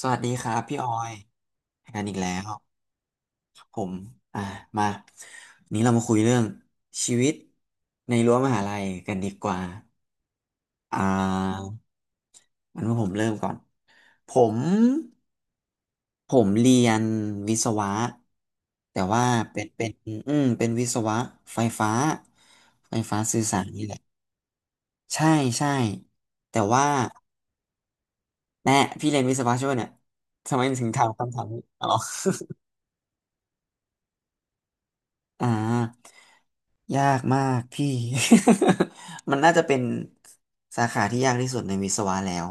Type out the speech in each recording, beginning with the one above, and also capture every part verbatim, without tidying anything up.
สวัสดีครับพี่ออยกันอีกแล้วครับผมอ่ามาวันนี้เรามาคุยเรื่องชีวิตในรั้วมหาลัยกันดีกว่าอ่าอันว่าผมเริ่มก่อนผมผมเรียนวิศวะแต่ว่าเป็นเป็นอืมเป็นวิศวะไฟฟ้าไฟฟ้าสื่อสารนี่แหละใช่ใช่แต่ว่าแน่พี่เรียนวิศวะใช่ไหมเนี่ยทำไมถึงถามคำถามนี้อ๋อ อ่ายากมากพี่ มันน่าจะเป็นสาขาที่ยากที่สุดในวิศวะแล้ว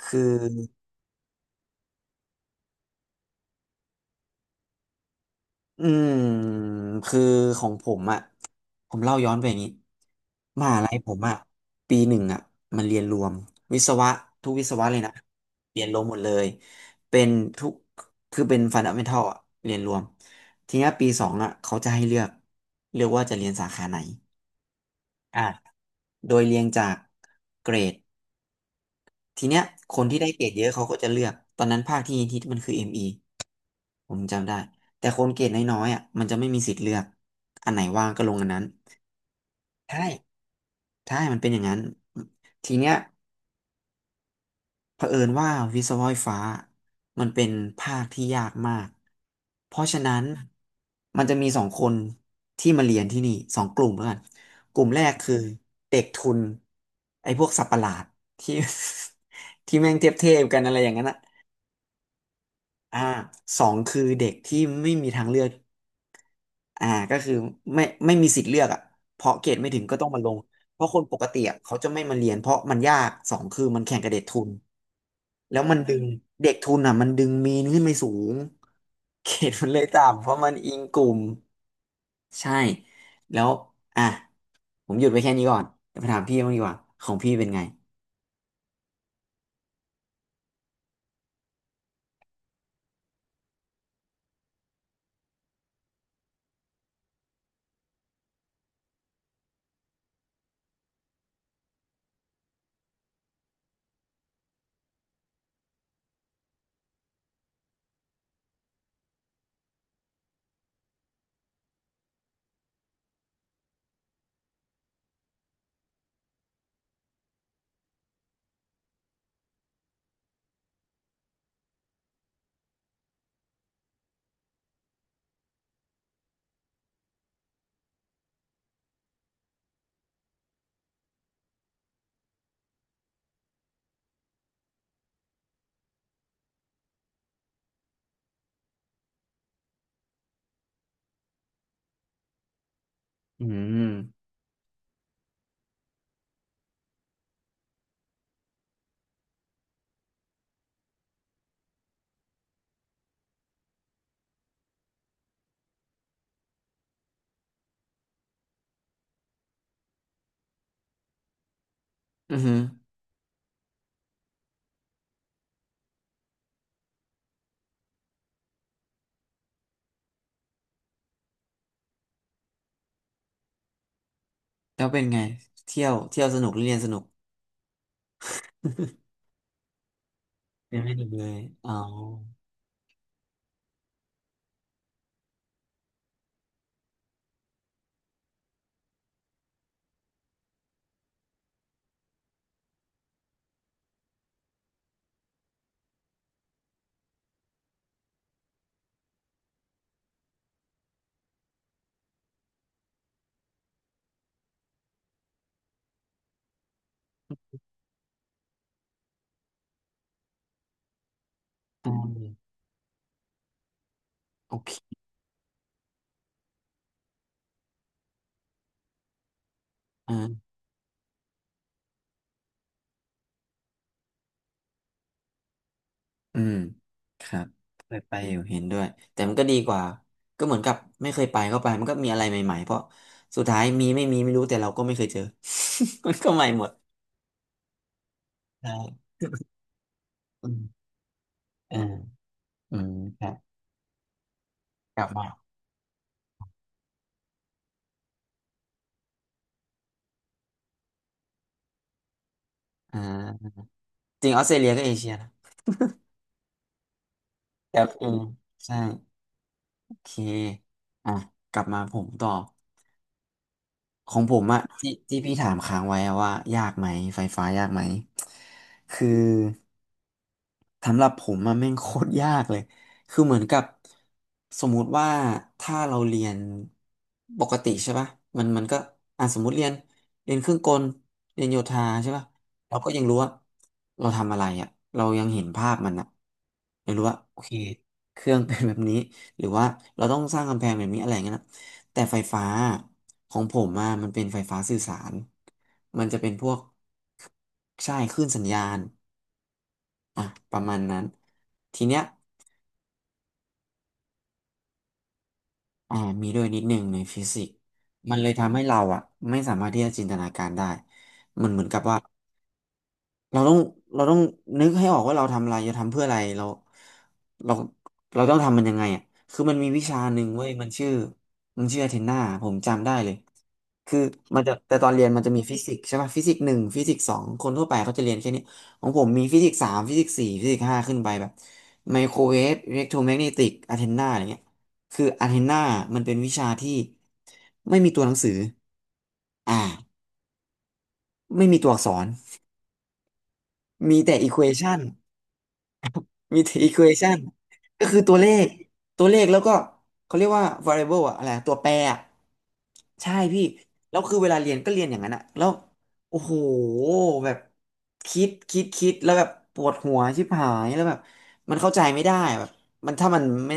คืออืมคือของผมอ่ะผมเล่าย้อนไปอย่างนี้มหาลัยผมอ่ะปีหนึ่งอ่ะมันเรียนรวมวิศวะทุกวิศวะเลยนะเรียนรวมหมดเลยเป็นทุกคือเป็นฟันดัเมนทัลอ่ะเรียนรวมทีเนี้ยปีสองอ่ะเขาจะให้เลือกเลือกว่าจะเรียนสาขาไหนอ่ะโดยเรียงจากเกรด ทีเนี้ยคนที่ได้เกรดเยอะเขาก็จะเลือกตอนนั้นภาคที่ที่มันคือ เอ็ม อี ผมจำได้แต่คนเกรดน้อยๆอ่ะมันจะไม่มีสิทธิ์เลือกอันไหนว่างก็ลงอันนั้นใช่ใช่มันเป็นอย่างนั้นทีเนี้ยเผอิญว่าวิศวะไฟฟ้ามันเป็นภาคที่ยากมากเพราะฉะนั้นมันจะมีสองคนที่มาเรียนที่นี่สองกลุ่มแล้วกันกลุ่มแรกคือเด็กทุนไอ้พวกสับประหลาดที่ ที่แม่งเทียบเทกันอะไรอย่างนั้นอะ อ่าสองคือเด็กที่ไม่มีทางเลือกอ่าก็คือไม่ไม่มีสิทธิ์เลือกอ่ะเพราะเกรดไม่ถึงก็ต้องมาลงเพราะคนปกติอ่ะเขาจะไม่มาเรียนเพราะมันยากสองคือมันแข่งกับเด็กทุนแล้วมันดึงเด็กทุนอ่ะมันดึงมีนขึ้นไปสูงเกรดมันเลยต่ำเพราะมันอิงกลุ่มใช่แล้วอ่ะผมหยุดไว้แค่นี้ก่อนเดี๋ยวไปถามพี่บ้างดีกว่าของพี่เป็นไงอืมอือหือแล้วเป็นไงเที่ยวเที่ยวสนุกหรือเรียนสนุกเรียนไม่สนุกเลยอ๋อ อืมโอเคอ่าอืมครับเคยไปอยู่เห็นด้วยแต่มันก็ดีกว่าก็เหมือนกับไม่เคยไปก็ไปมันก็มีอะไรใหม่ๆเพราะสุดท้ายมีไม่มีไม่รู้แต่เราก็ไม่เคยเจอ มันก็ใหม่หมดใช่อืมอ่าอืมครับกลับมาอ่าจริงออสเตรเลียก็เอเชียนะครับอืมใช่โอเคอ่ะกลับมาผมต่อของผมอะที่ที่พี่ถามค้างไว้อะว่ายากไหมไฟฟ้ายากไหมคือ สำหรับผมมันแม่งโคตรยากเลยคือเหมือนกับสมมุติว่าถ้าเราเรียนปกติใช่ป่ะมันมันก็อ่ะสมมติเรียนเรียนเครื่องกลเรียนโยธาใช่ป่ะเราก็ยังรู้ว่าเราทำอะไรอ่ะเรายังเห็นภาพมันอ่ะยังรู้ว่าโอเคเครื่องเป็นแบบนี้หรือว่าเราต้องสร้างกำแพงแบบนี้อะไรอย่างเงี้ยนะแต่ไฟฟ้าของผมอะมันเป็นไฟฟ้าสื่อสารมันจะเป็นพวกใช่คลื่นสัญญาณ อ่ะประมาณนั้นทีเนี้ยอ่ามีด้วยนิดนึงในฟิสิกส์มันเลยทำให้เราอ่ะไม่สามารถที่จะจินตนาการได้มันเหมือนกับว่า เราต้องเราต้องนึกให้ออกว่าเราทำอะไรจะทำเพื่ออะไรเราเราเราต้องทำมันยังไงอ่ะคือมันมีวิชาหนึ่งเว้ยมันชื่อมันชื่อเทนนาผมจำได้เลยคือมันจะแต่ตอนเรียนมันจะมีฟิสิกส์ใช่ป่ะฟิสิกส์หนึ่งฟิสิกส์สองคนทั่วไปเขาจะเรียนแค่นี้ของผมมีฟิสิกส์สามฟิสิกส์สี่ฟิสิกส์ห้าขึ้นไปแบบไมโครเวฟอิเล็กโทรแมกเนติกอะเทนนาอะไรเงี้ยคืออะเทนนามันเป็นวิชาที่ไม่มีตัวหนังสืออ่าไม่มีตัวอักษรมีแต่อีควอชัน มี equation ก็คือตัวเลขตัวเลขแล้วก็เขาเรียกว่า variable อะอะไรอะตัวแปรอะใช่พี่แล้วคือเวลาเรียนก็เรียนอย่างนั้นอะแล้วโอ้โหแบบคิดคิดคิดแล้วแบบปวดหัวชิบหายแล้วแบบมันเข้าใจไม่ได้อะแบบมันถ้ามันไม่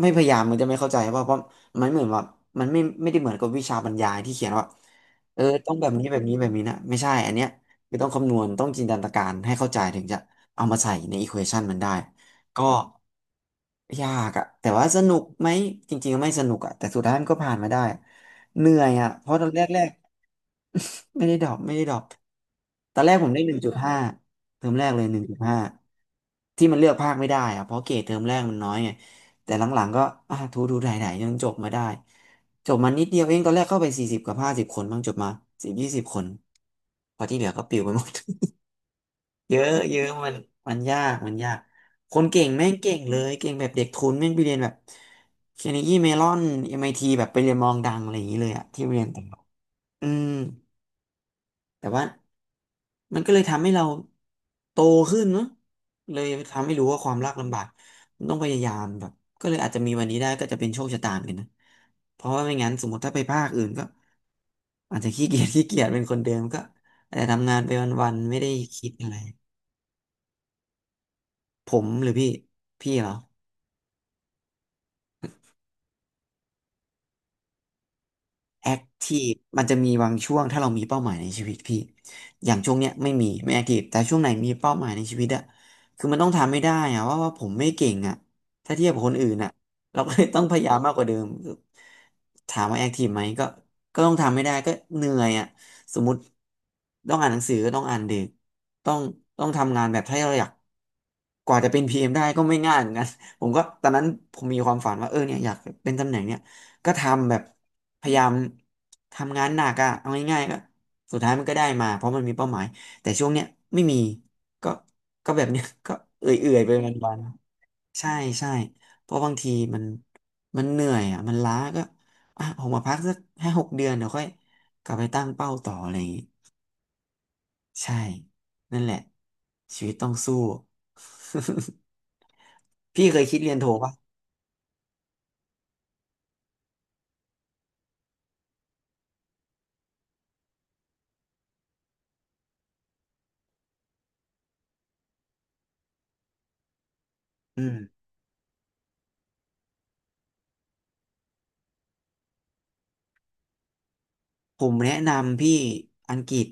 ไม่พยายามมันจะไม่เข้าใจว่าเพราะมันเหมือนว่ามันไม่ไม่ได้เหมือนกับวิชาบรรยายที่เขียนว่าเออต้องแบบนี้แบบนี้แบบนี้นะไม่ใช่อันเนี้ยคือต้องคำนวณต้องจินตนาการให้เข้าใจถึงจะ เอามาใส่ในอีควอชันมันได้ก็ยากอะแต่ว่าสนุกไหมจริงๆไม่สนุกอะแต่สุดท้ายมันก็ผ่านมาได้เหนื่อยอะเพราะตอนแรกๆ ไม่ได้ดรอปไม่ได้ดรอปตอนแรกผมได้หนึ่งจุดห้าเทอมแรกเลยหนึ่งจุดห้าที่มันเลือกภาคไม่ได้อะเพราะเกรดเทอมแรกมันน้อยไงแต่หลังๆก็อ่ะทูทูไถ่ๆจนจบมาได้จบมานิดเดียวเองตอนแรกเข้าไปสี่สิบกับห้าสิบคนบ้างจบมาสิบยี่สิบคนพอที่เหลือก็ปลิวไปหมด เยอะเยอะมันมันยากมันยากคนเก่งแม่งเก่งเลยเก่งแบบเด็กทุนแม่งไปเรียนแบบเคนยีเมลอนเอ็มไอทีแบบไปเรียนมองดังอะไรอย่างนี้เลยอะที่เรียนต่างประเทศอืมแต่ว่ามันก็เลยทำให้เราโตขึ้นเนอะเลยทำให้รู้ว่าความยากลำบากมันต้องพยายามแบบก็เลยอาจจะมีวันนี้ได้ก็จะเป็นโชคชะตาเหมือนกันนะเพราะว่าไม่งั้นสมมติถ้าไปภาคอื่นก็อาจจะขี้เกียจ ขี้เกียจเป็นคนเดิมก็อาจจะทำงานไปวันๆไม่ได้คิดอะไรผมหรือพี่พี่เหรอ แอคทีฟมันจะมีบางช่วงถ้าเรามีเป้าหมายในชีวิตพี่อย่างช่วงเนี้ยไม่มีไม่แอคทีฟแต่ช่วงไหนมีเป้าหมายในชีวิตอะคือมันต้องทำไม่ได้อะว่าว่าผมไม่เก่งอะถ้าเทียบกับคนอื่นอะเราก็เลยต้องพยายามมากกว่าเดิมถามว่าแอคทีฟไหมก็ก็ต้องทำไม่ได้ก็เหนื่อยอะสมมติต้องอ่านหนังสือก็ต้องอ่านดึกต้องต้องทำงานแบบถ้าเราอยากกว่าจะเป็นพีเอ็มได้ก็ไม่ง่ายเหมือนกัน ผมก็ตอนนั้นผมมีความฝันว่าเออเนี่ยอยากเป็นตำแหน่งเนี่ย ก็ทำแบบพยายามทำงานหนักอะเอาง่ายๆก็สุดท้ายมันก็ได้มาเพราะมันมีเป้าหมายแต่ช่วงเนี้ยไม่มีก็ก็แบบเนี้ย ก็เอื่อยๆไปวันๆใช่ใช่เพราะบางทีมันมันเหนื่อยอะมันล้าก็อ่ะออกมาพักสักห้าหกเดือนเดี๋ยวค่อยกลับไปตั้งเป้าต่ออะไรอย่างงี้ใช่นั่นแหละชีวิตต้องสู้ พี่เคยคิดเรียนโทปะอืม ผมแนะนำพี่อังกฤษ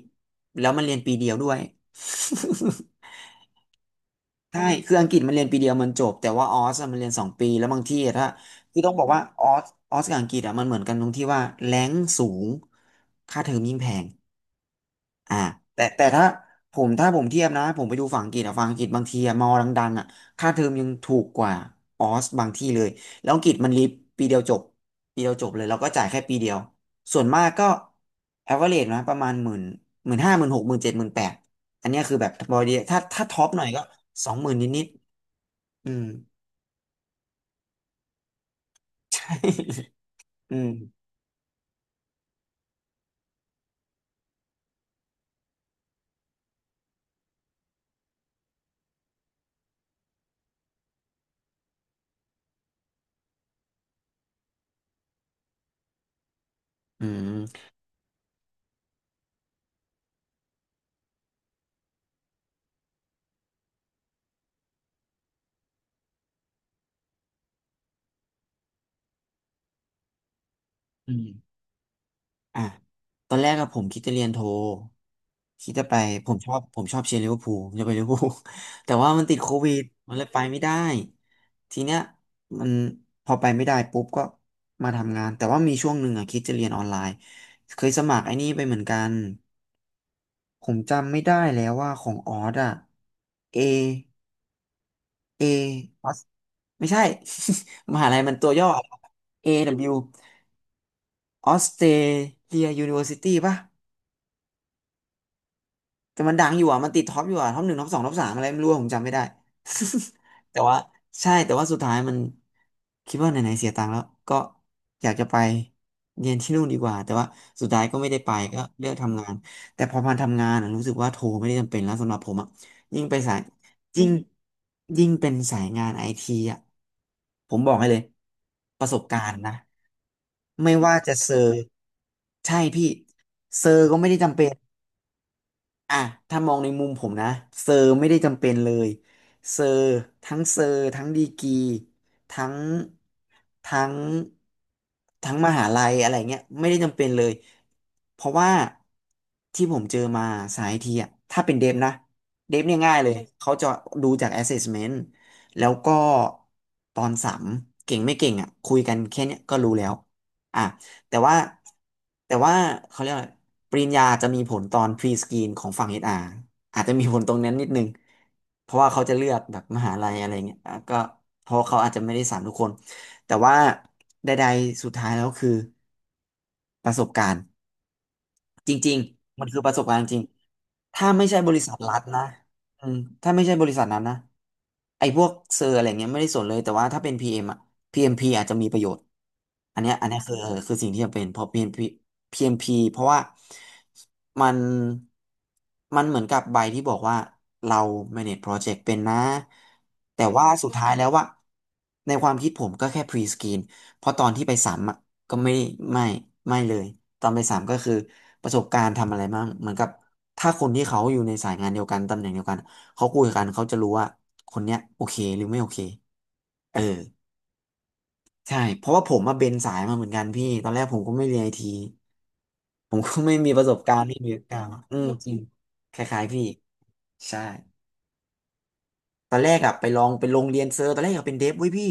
แล้วมันเรียนปีเดียวด้วย ใช่คืออังกฤษมันเรียนปีเดียวมันจบแต่ว่าออสอะมันเรียนสองปีแล้วบางที่อะถ้าคือต้องบอกว่าออสออสกับอังกฤษอ่ะมันเหมือนกันตรงที่ว่าแรงสูงค่าเทอมยิ่งแพง อ่าแต่แต่ถ้าผมถ้าผมเทียบนะผมไปดูฝั่งอังกฤษอะฝั่งอังกฤษบางทีอะมอดังๆอะค่าเทอมยังถูกกว่าออสบางที่เลยแล้วอังกฤษมันรีบปีเดียวจบปีเดียวจบเลยแล้วก็จ่ายแค่ปีเดียวส่วนมากก็ average นะประมาณหมื่นหมื่นห้าหมื่นหกหมื่นเจ็ดหมื่นแปดอันเนี้ยคือแบบพอดีถ้าถ้าท็อปหน่อยก็สองหมื่นนิดๆอืม ใช่อืมอืมอืม อ่ะตอนแรกอะผมคิดจะเรียนโทคิดจะไปผมชอบผมชอบเชียร์ลิเวอร์พูล ผมจะไปลิเวอร์พูล แต่ว่ามันติดโควิดมันเลยไปไม่ได้ทีเนี้ยมันพอไปไม่ได้ปุ๊บก็มาทำงานแต่ว่ามีช่วงหนึ่งอะคิดจะเรียนออนไลน์เคยสมัครไอ้นี่ไปเหมือนกันผมจำไม่ได้แล้วว่าของออสอะเอเอออสไม่ใช่ มหาลัยมันตัวย่อเ w Australia University ป่ะ แต่มันดังอยู่อ่ะมันติดท็อปอยู่อ่ะท็อปหนึ่งท็อปสองท็อปสามอะไรไม่รู้อะผมจำไม่ได้ แต่ว่าใช่แต่ว่าสุดท้ายมันคิดว่าไหนๆเสียตังค์แล้วก็อยากจะไปเรียนที่นู่นดีกว่าแต่ว่าสุดท้ายก็ไม่ได้ไปก็เลือกทำงานแต่พอมาทำงานอะรู้สึกว่าโทรไม่ได้จำเป็นแล้วสำหรับผมอ่ะยิ่งไปสายยิ่งยิ่งเป็นสายงานไอทีอ่ะผมบอกให้เลยประสบการณ์นะไม่ว่าจะเซอร์ใช่พี่เซอร์ก็ไม่ได้จำเป็น อ่ะถ้ามองในมุมผมนะเซอร์ไม่ได้จำเป็นเลยเซอร์ทั้งเซอร์ทั้งดีกรีทั้งทั้งทั้งมหาลัยอะไรเงี้ยไม่ได้จำเป็นเลยเพราะว่าที่ผมเจอมาสายทีอ่ะถ้าเป็นเดฟนะเดฟเนี่ยง่ายเลยเขาจะดูจาก assessment แล้วก็ตอนสัมเก่งไม่เก่งอ่ะคุยกันแค่เนี้ยก็รู้แล้วอ่ะ แต่ว่าแต่ว่าเขาเรียกอะไรปริญญาจะมีผลตอนพรีสกรีนของฝั่ง เอช อาร์ อชอาร์อาจจะมีผลตรงนั้นนิดนึงเพราะว่าเขาจะเลือกแบบมหาลัยอะไรเงี้ยอ่ะก็เพราะเขาอาจจะไม่ได้สารทุกคนแต่ว่าใดๆสุดท้ายแล้วคือประสบการณ์ จริงๆมันคือประสบการณ์จริงถ้าไม่ใช่บริษัทรัฐนะอืมถ้าไม่ใช่บริษัทนั้นนะไอ้พวกเซอร์อะไรเงี้ยไม่ได้สนเลยแต่ว่าถ้าเป็น พี เอ็ม อมอ่ะพีเอมพีอาจจะมีประโยชน์อันเนี้ยอันเนี้ยคือคือสิ่งที่จะเป็นเพราะ พี เอ็ม พี p พีพีเอ็มพเพราะว่ามันมันเหมือนกับใบที่บอกว่าเรา manage project เป็นนะแต่ว่าสุดท้ายแล้วว่าในความคิดผมก็แค่ pre screen เพราะตอนที่ไปสัมอะ ก็ไม่ไม่ไม่เลยตอนไปสามก็คือประสบการณ์ทำอะไรบ้างเหมือนกับถ้าคนที่เขาอยู่ในสายงานเดียวกันตำแหน่งเดียวกันเขาคุยกันเขาจะรู้ว่าคนเนี้ยโอเคหรือไม่โอเคเออใช่เพราะว่าผมมาเบนสายมาเหมือนกันพี่ตอนแรกผมก็ไม่เรียนไอทีผมก็ไม่มีประสบการณ์ที่มีการอืมจริงคล้ายๆพี่ใช่ ตอนแรกอะไปลองไปลงเรียนเซอร์ตอนแรกอยากเป็นเดฟเว้ยพี่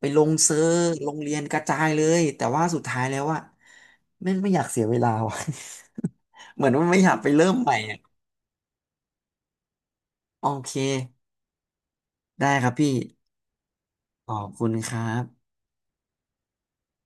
ไปลงเซอร์ลงเรียนกระจายเลยแต่ว่าสุดท้ายแล้วอะไม่ไม่อยากเสียเวลาว่ะ เหมือนว่าไม่อยากไปเริ่มใหม่อะโอเคได้ครับพี่ขอบคุณครับ